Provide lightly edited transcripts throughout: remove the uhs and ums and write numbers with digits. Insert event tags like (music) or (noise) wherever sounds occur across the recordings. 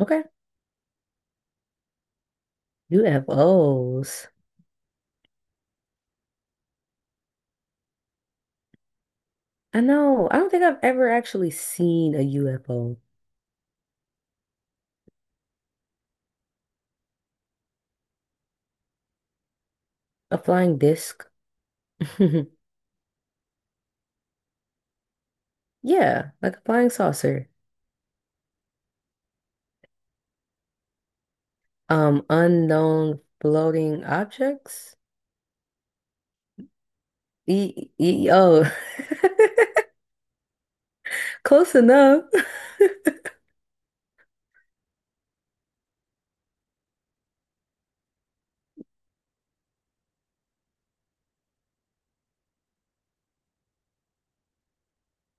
Okay. UFOs. I know. I don't think I've ever actually seen a UFO. A flying disc. (laughs) Yeah, like a flying saucer. Unknown floating objects. E e e, oh. (laughs) Close enough.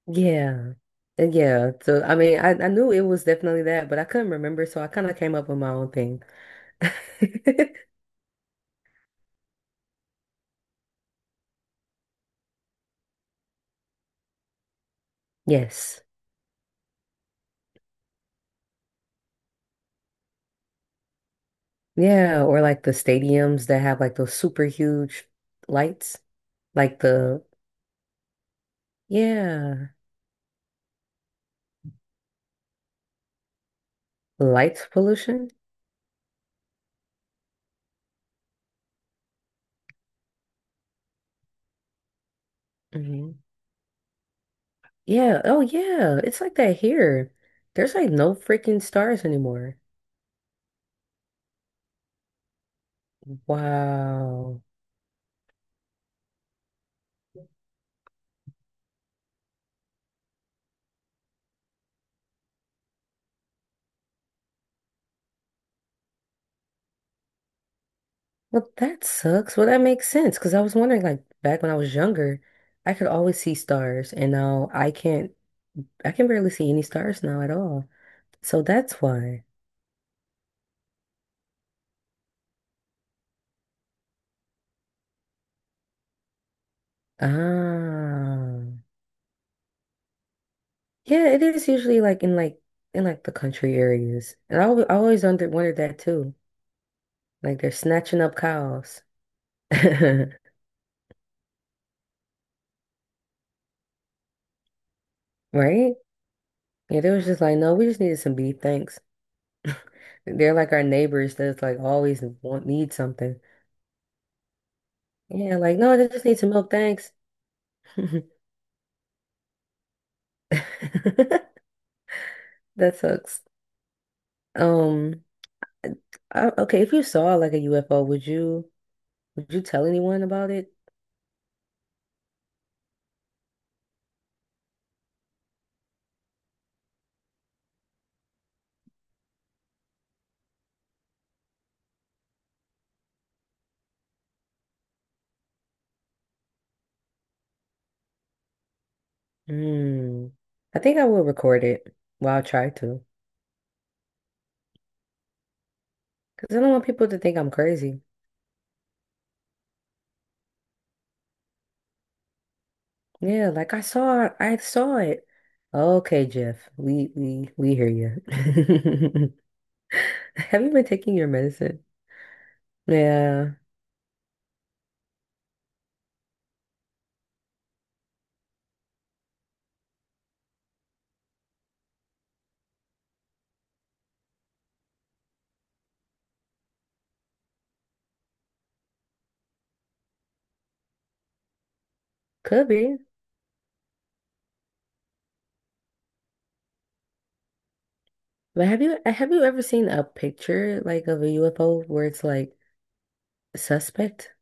Yeah. Yeah. So I mean I knew it was definitely that, but I couldn't remember, so I kind of came up with my own thing. (laughs) Yes. Yeah, or like the stadiums that have like those super huge lights, like the Yeah. Lights pollution? Hmm. Yeah. Oh, yeah. It's like that here. There's like no freaking stars anymore. Wow. Well, that sucks. Well, that makes sense because I was wondering, like, back when I was younger, I could always see stars, and now I can't, I can barely see any stars now at all. So that's why. Ah. Yeah, it is usually like in like the country areas. And I always under wondered that too. Like they're snatching up cows. (laughs) Right? Yeah, they was just like, no, we just needed some beef, thanks. They're like our neighbors that's like always want need something. Yeah, like, no, they just need some milk, thanks. (laughs) That sucks. Um, I, okay, if you saw like a UFO, would you tell anyone about it? Hmm. I think I will record it. Well, I'll try to. Because I don't want people to think I'm crazy. Yeah, like I saw it. Okay, Jeff. We hear you. (laughs) Have you been taking your medicine? Yeah, could be. But have you ever seen a picture like of a UFO where it's like suspect?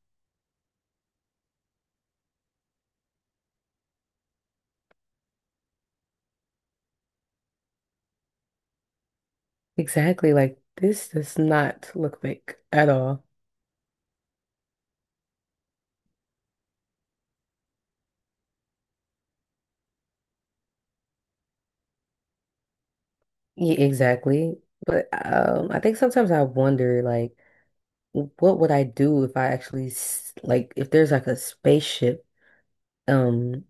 Exactly, like this does not look fake at all. Yeah, exactly. But I think sometimes I wonder like what would I do if I actually like if there's like a spaceship um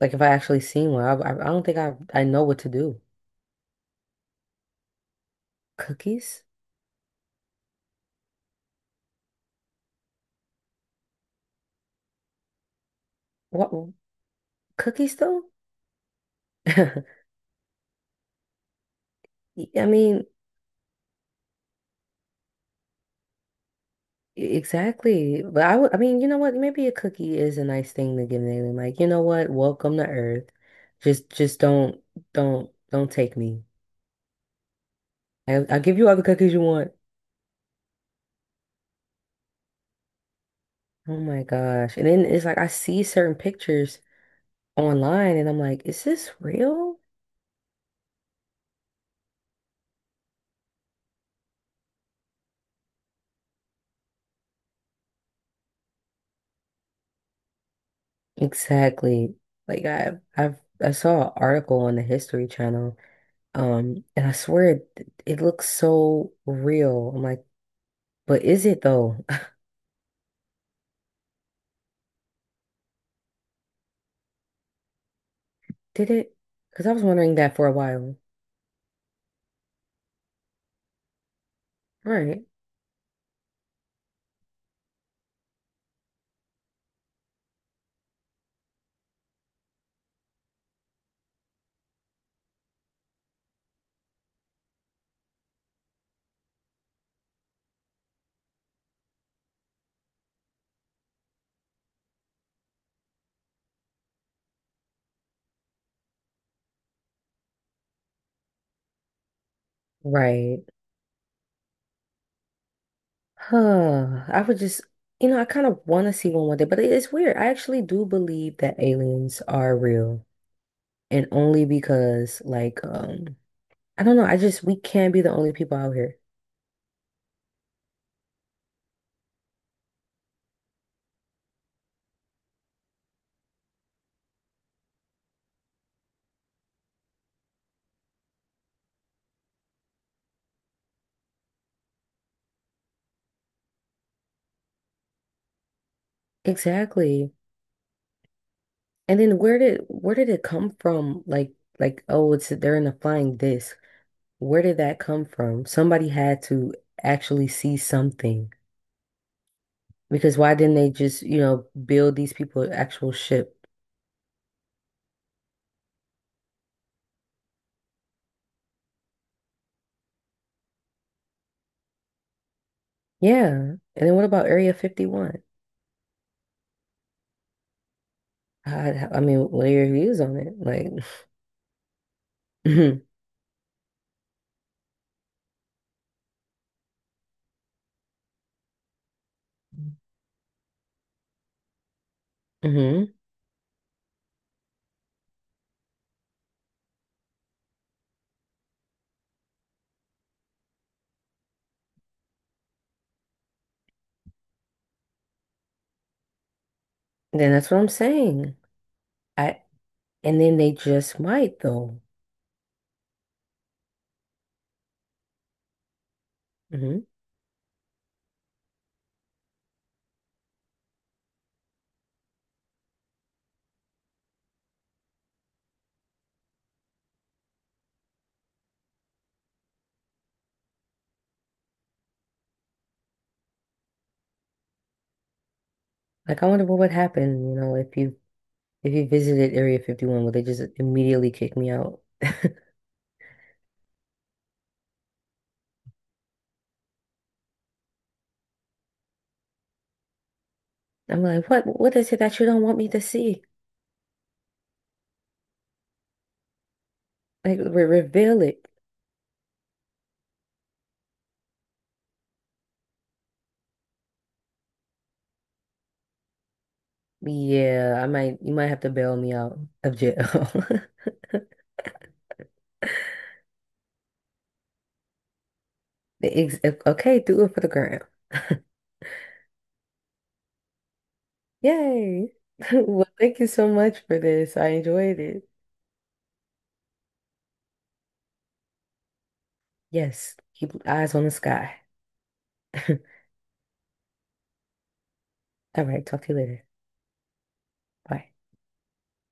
like if I actually seen one. I don't think I know what to do. Cookies? What cookies though? (laughs) I mean, Exactly. But I would, I mean, you know what? Maybe a cookie is a nice thing to give an alien. Like, you know what? Welcome to Earth. Just, don't take me. I'll give you all the cookies you want. Oh my gosh. And then it's like, I see certain pictures online and I'm like, is this real? Exactly. Like I saw an article on the History Channel. And I swear it looks so real. I'm like, but is it though? (laughs) Did it? Because I was wondering that for a while. Right. Right. Huh. I would just, you know, I kind of want to see one one day, but it is weird. I actually do believe that aliens are real, and only because, like, I don't know. I just We can't be the only people out here. Exactly. And then where did it come from? Like, oh, it's they're in a flying disc. Where did that come from? Somebody had to actually see something because why didn't they just, you know, build these people an actual ship? Yeah. And then what about Area 51? I mean, what are your views on it? Like, (laughs) mhm, mhm. Then that's what I'm saying. I and then they just might though. Hmm. Like, I wonder what would happen, you know, if you visited Area 51, would they just immediately kick me out? I'm like, what is it that you don't want me to see? Like, re reveal it. Yeah, I might you might have to bail me out of jail. (laughs) Okay, do it for the gram. (laughs) Yay. (laughs) Well, thank you so much for this. I enjoyed it. Yes, keep eyes on the sky. (laughs) All right, talk to you later. Bye.